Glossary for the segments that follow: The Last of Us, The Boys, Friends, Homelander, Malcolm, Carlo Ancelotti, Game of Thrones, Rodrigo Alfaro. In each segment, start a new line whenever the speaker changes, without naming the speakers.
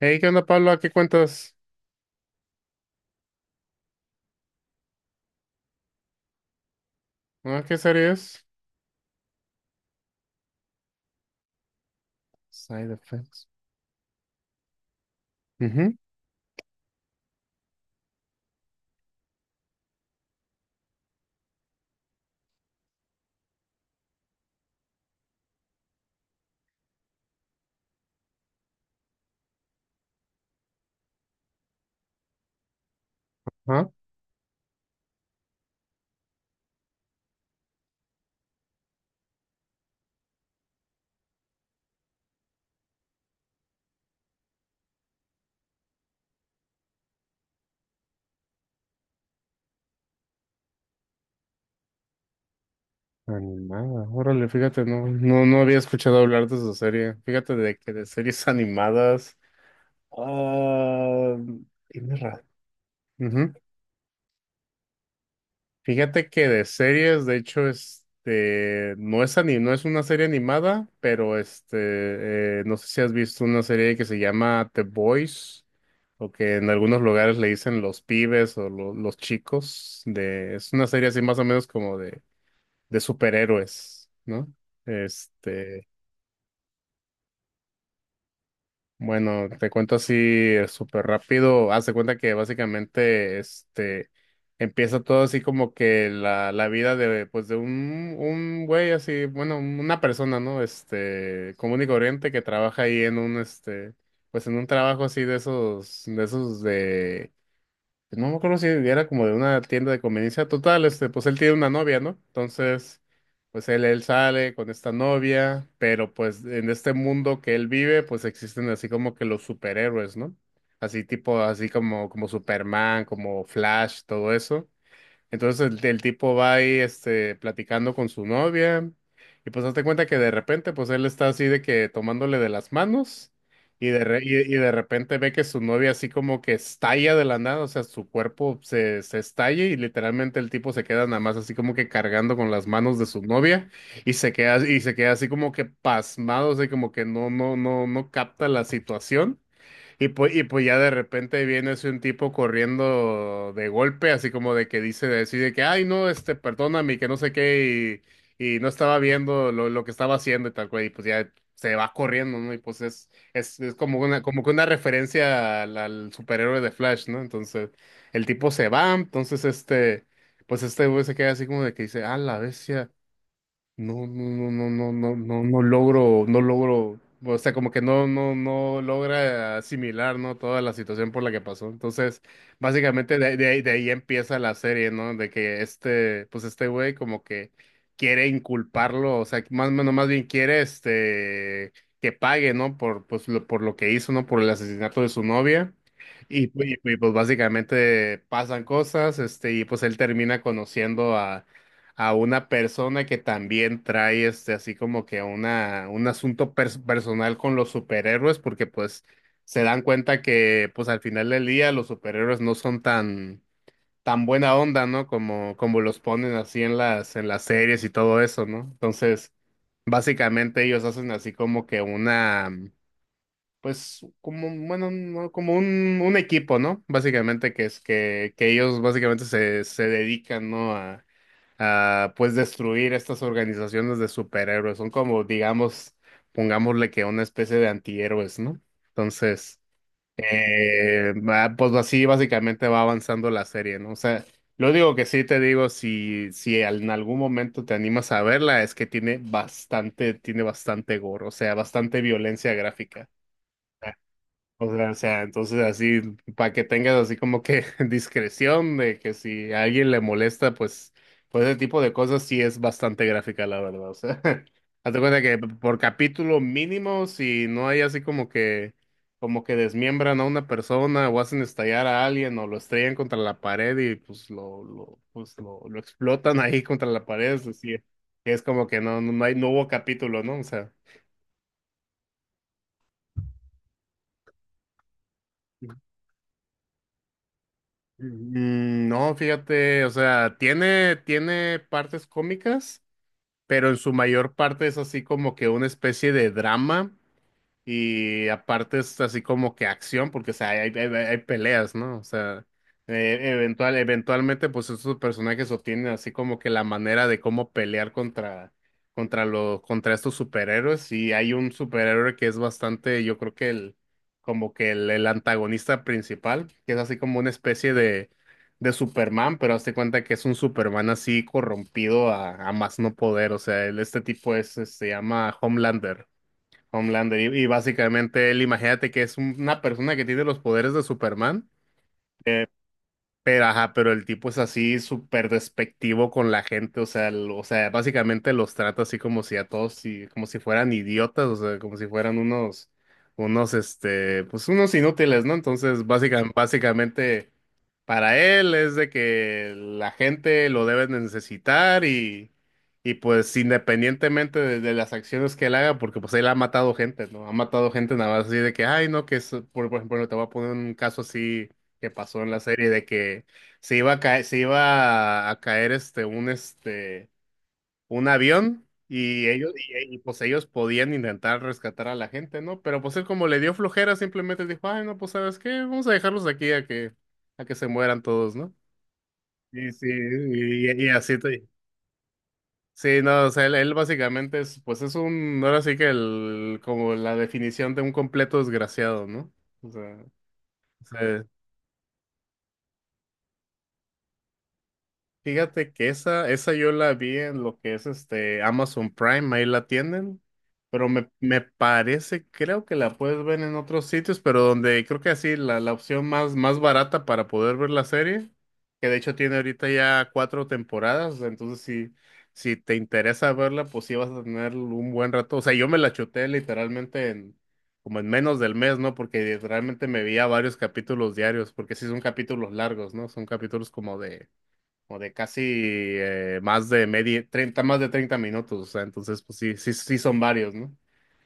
Hey, ¿qué onda, Pablo? ¿A qué cuentas? ¿Ah, qué series? Side effects. Ujú. Ah, animada. Órale, fíjate, no, no, no había escuchado hablar de esa serie. Fíjate de que de series animadas. Ah, tienes razón. Ujú. Fíjate que de series, de hecho, este, no es una serie animada, pero este, no sé si has visto una serie que se llama The Boys, o que en algunos lugares le dicen los pibes o los chicos. De, es una serie así más o menos como de superhéroes, ¿no? Este, bueno, te cuento así súper rápido. Haz de cuenta que básicamente este, empieza todo así como que la vida de, pues de un güey así, bueno, una persona, ¿no? Este, común y corriente que trabaja ahí en un, este, pues en un trabajo así de esos de pues, no me acuerdo si era como de una tienda de conveniencia. Total, este, pues él tiene una novia, ¿no? Entonces, pues él sale con esta novia, pero pues en este mundo que él vive, pues existen así como que los superhéroes, ¿no? Así tipo, así como Superman, como Flash, todo eso. Entonces el tipo va ahí este, platicando con su novia y pues hazte cuenta que de repente pues él está así de que tomándole de las manos y de, re- y, y de repente ve que su novia así como que estalla de la nada, o sea, su cuerpo se estalla y literalmente el tipo se queda nada más así como que cargando con las manos de su novia y se queda así como que pasmado, o sea, como que no, no, no, no capta la situación. Y pues ya de repente viene así un tipo corriendo de golpe, así como de que decide que, ay, no, este, perdóname, que no sé qué, y no estaba viendo lo que estaba haciendo y tal cual, y pues ya se va corriendo, ¿no? Y pues es como una, como que una referencia al superhéroe de Flash, ¿no? Entonces, el tipo se va, entonces este, pues este güey se queda así como de que dice, ah, la bestia. No, no, no, no, no, no, no, no logro, o sea, como que no, no, no logra asimilar, ¿no? Toda la situación por la que pasó. Entonces, básicamente de ahí empieza la serie, ¿no? De que este, pues este güey como que quiere inculparlo, o sea, más, bueno, más bien quiere este, que pague, ¿no? Por, pues, lo, por lo que hizo, ¿no? Por el asesinato de su novia. Y, pues y, pues básicamente pasan cosas, este, y pues él termina conociendo a una persona que también trae este así como que una un asunto personal con los superhéroes, porque pues se dan cuenta que pues al final del día los superhéroes no son tan buena onda, ¿no? Como los ponen así en las series y todo eso, ¿no? Entonces, básicamente ellos hacen así como que una pues como, bueno, no, como un equipo, ¿no? Básicamente que es que ellos básicamente se, se dedican, ¿no? A pues destruir estas organizaciones de superhéroes. Son como, digamos, pongámosle que una especie de antihéroes, ¿no? Entonces, pues así básicamente va avanzando la serie, ¿no? O sea, lo único que sí te digo, si, si en algún momento te animas a verla, es que tiene bastante gore, o sea, bastante violencia gráfica. O sea, entonces así, para que tengas así como que discreción de que si a alguien le molesta, pues, pues ese tipo de cosas sí es bastante gráfica, la verdad. O sea, hazte cuenta que por capítulo mínimo, si no hay así como que desmiembran a una persona o hacen estallar a alguien o lo estrellan contra la pared y pues lo explotan ahí contra la pared, es decir, es como que no, no no hay, no hubo capítulo, ¿no? O sea, no, fíjate, o sea, tiene, tiene partes cómicas, pero en su mayor parte es así como que una especie de drama. Y aparte es así como que acción, porque o sea, hay, hay peleas, ¿no? O sea, eventualmente, pues estos personajes obtienen así como que la manera de cómo pelear contra, contra estos superhéroes. Y hay un superhéroe que es bastante, yo creo que el, como que el antagonista principal, que es así como una especie de Superman, pero hazte cuenta que es un Superman así corrompido a más no poder. O sea, este tipo es, este, se llama Homelander. Homelander. Y básicamente él, imagínate que es una persona que tiene los poderes de Superman. Pero, ajá, pero el tipo es así súper despectivo con la gente, o sea, o sea, básicamente los trata así como si a todos, como si fueran idiotas, o sea, como si fueran unos, este, pues unos inútiles, ¿no? Entonces, básicamente, para él es de que la gente lo debe de necesitar y pues independientemente de las acciones que él haga, porque pues él ha matado gente, ¿no? Ha matado gente nada más así de que, ay, no, que es, por ejemplo, te voy a poner un caso así que pasó en la serie de que se iba a caer este un avión y ellos y, pues ellos podían intentar rescatar a la gente, ¿no? Pero pues él como le dio flojera simplemente dijo, "Ay, no, pues ¿sabes qué? Vamos a dejarlos aquí a que se mueran todos, ¿no?" Y sí, y así. Sí, no, o sea, él básicamente es, pues es un, ahora sí que el, como la definición de un completo desgraciado, ¿no? O sea, sí. Fíjate que esa yo la vi en lo que es este Amazon Prime, ahí la tienen, pero me parece, creo que la puedes ver en otros sitios, pero donde creo que así la, la opción más, más barata para poder ver la serie, que de hecho tiene ahorita ya cuatro temporadas, entonces si, si te interesa verla, pues sí vas a tener un buen rato. O sea, yo me la chuté literalmente en, como en menos del mes, ¿no? Porque literalmente me veía varios capítulos diarios, porque sí son capítulos largos, ¿no? Son capítulos como de o de casi más de 30 minutos, o sea, entonces pues sí, sí, sí son varios, ¿no?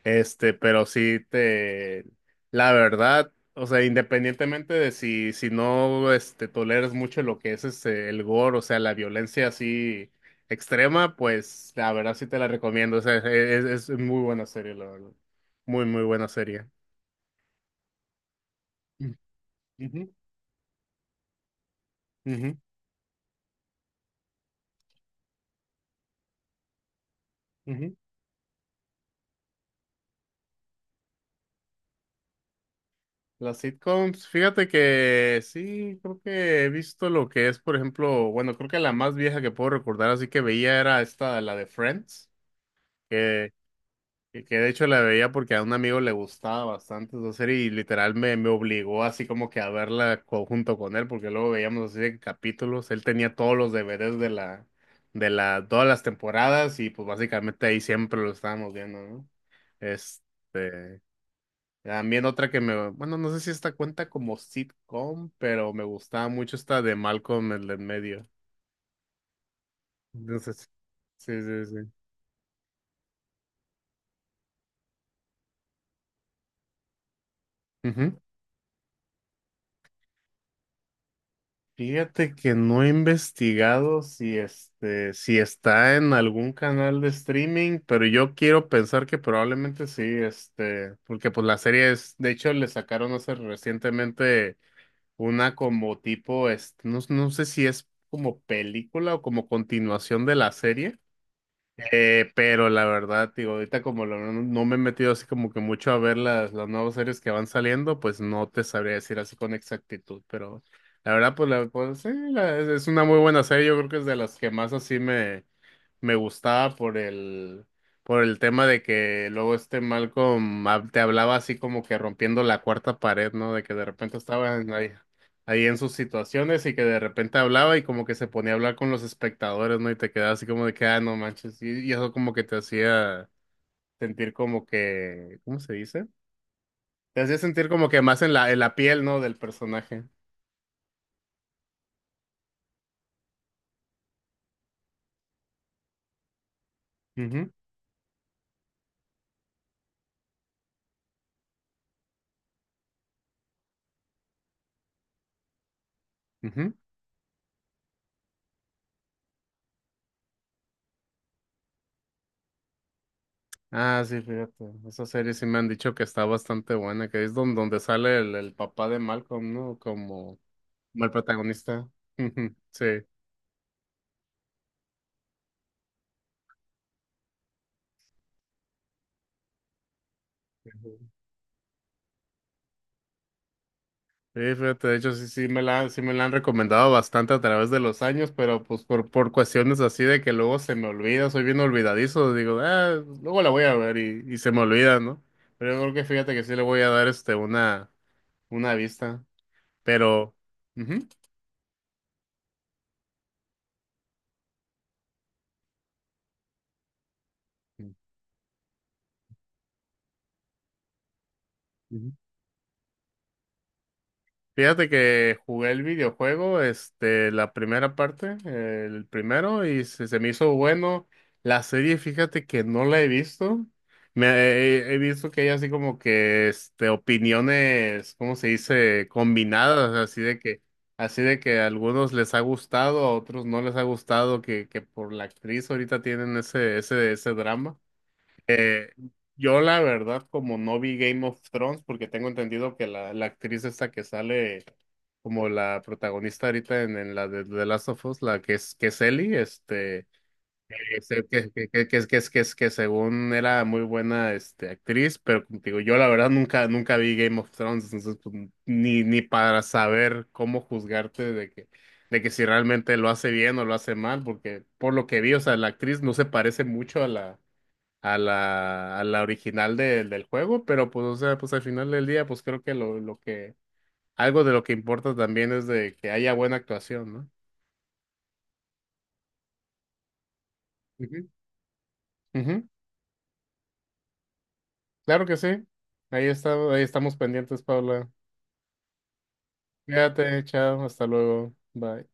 Este, pero sí te, la verdad, o sea, independientemente de si, si no, este, toleras mucho lo que es este, el gore, o sea, la violencia así extrema, pues la verdad sí te la recomiendo, o sea, es, es muy buena serie, la verdad, muy, muy buena serie. Mm. Ujú, ujú, ujú. Las sitcoms, fíjate que sí, creo que he visto lo que es, por ejemplo, bueno, creo que la más vieja que puedo recordar, así que veía era esta, la de Friends, que, que de hecho la veía porque a un amigo le gustaba bastante esa serie y literal me obligó así como que a verla junto con él, porque luego veíamos así de capítulos, él tenía todos los deberes de la, todas las temporadas y pues básicamente ahí siempre lo estábamos viendo, ¿no? Este... También otra que me, bueno, no sé si esta cuenta como sitcom, pero me gustaba mucho esta de Malcolm el de en medio. Entonces, sí, sí, sí. Ujú. Fíjate que no he investigado si este, si está en algún canal de streaming, pero yo quiero pensar que probablemente sí, este, porque pues la serie es, de hecho, le sacaron hace recientemente una como tipo, este, no, no sé si es como película o como continuación de la serie. Pero la verdad, digo, ahorita como no me he metido así como que mucho a ver las nuevas series que van saliendo, pues no te sabría decir así con exactitud, pero la verdad, pues, la, pues sí, es una muy buena serie, yo creo que es de las que más así me, me gustaba por el tema de que luego este Malcolm te hablaba así como que rompiendo la cuarta pared, ¿no? De que de repente estaba en ahí, en sus situaciones y que de repente hablaba y como que se ponía a hablar con los espectadores, ¿no? Y te quedaba así como de que, ah, no manches. Y eso como que te hacía sentir como que, ¿cómo se dice? Te hacía sentir como que más en la, piel, ¿no? Del personaje. Ujú, ujú. Ah, sí, fíjate. Esa serie sí me han dicho que está bastante buena, que es donde sale el papá de Malcolm, ¿no? Como, como el protagonista. Sí. Sí, fíjate, de hecho sí me la han recomendado bastante a través de los años, pero pues por cuestiones así de que luego se me olvida, soy bien olvidadizo, digo, ah, luego la voy a ver y se me olvida, ¿no? Pero yo creo que fíjate que sí le voy a dar este una vista. Pero, ujú. Fíjate que jugué el videojuego, este, la primera parte, el primero, y se me hizo bueno. La serie, fíjate que no la he visto. He visto que hay así como que, este, opiniones, ¿cómo se dice? Combinadas, así de que a algunos les ha gustado, a otros no les ha gustado, que por la actriz ahorita tienen ese drama. Eh, yo la verdad, como no vi Game of Thrones, porque tengo entendido que la actriz esta que sale como la protagonista ahorita en la de The Last of Us, la que es Ellie, este, es el que, es- que, es- que, es- que según era muy buena este, actriz, pero como te digo yo la verdad nunca vi Game of Thrones, entonces pues, ni, ni para saber cómo juzgarte de que si realmente lo hace bien o lo hace mal, porque por lo que vi, o sea, la actriz no se parece mucho a la a la original del juego, pero pues, o sea, pues al final del día, pues creo que algo de lo que importa también es de que haya buena actuación, ¿no? Ujú. Ujú. Claro que sí. Ahí está, ahí estamos pendientes, Paula. Cuídate, chao, hasta luego. Bye.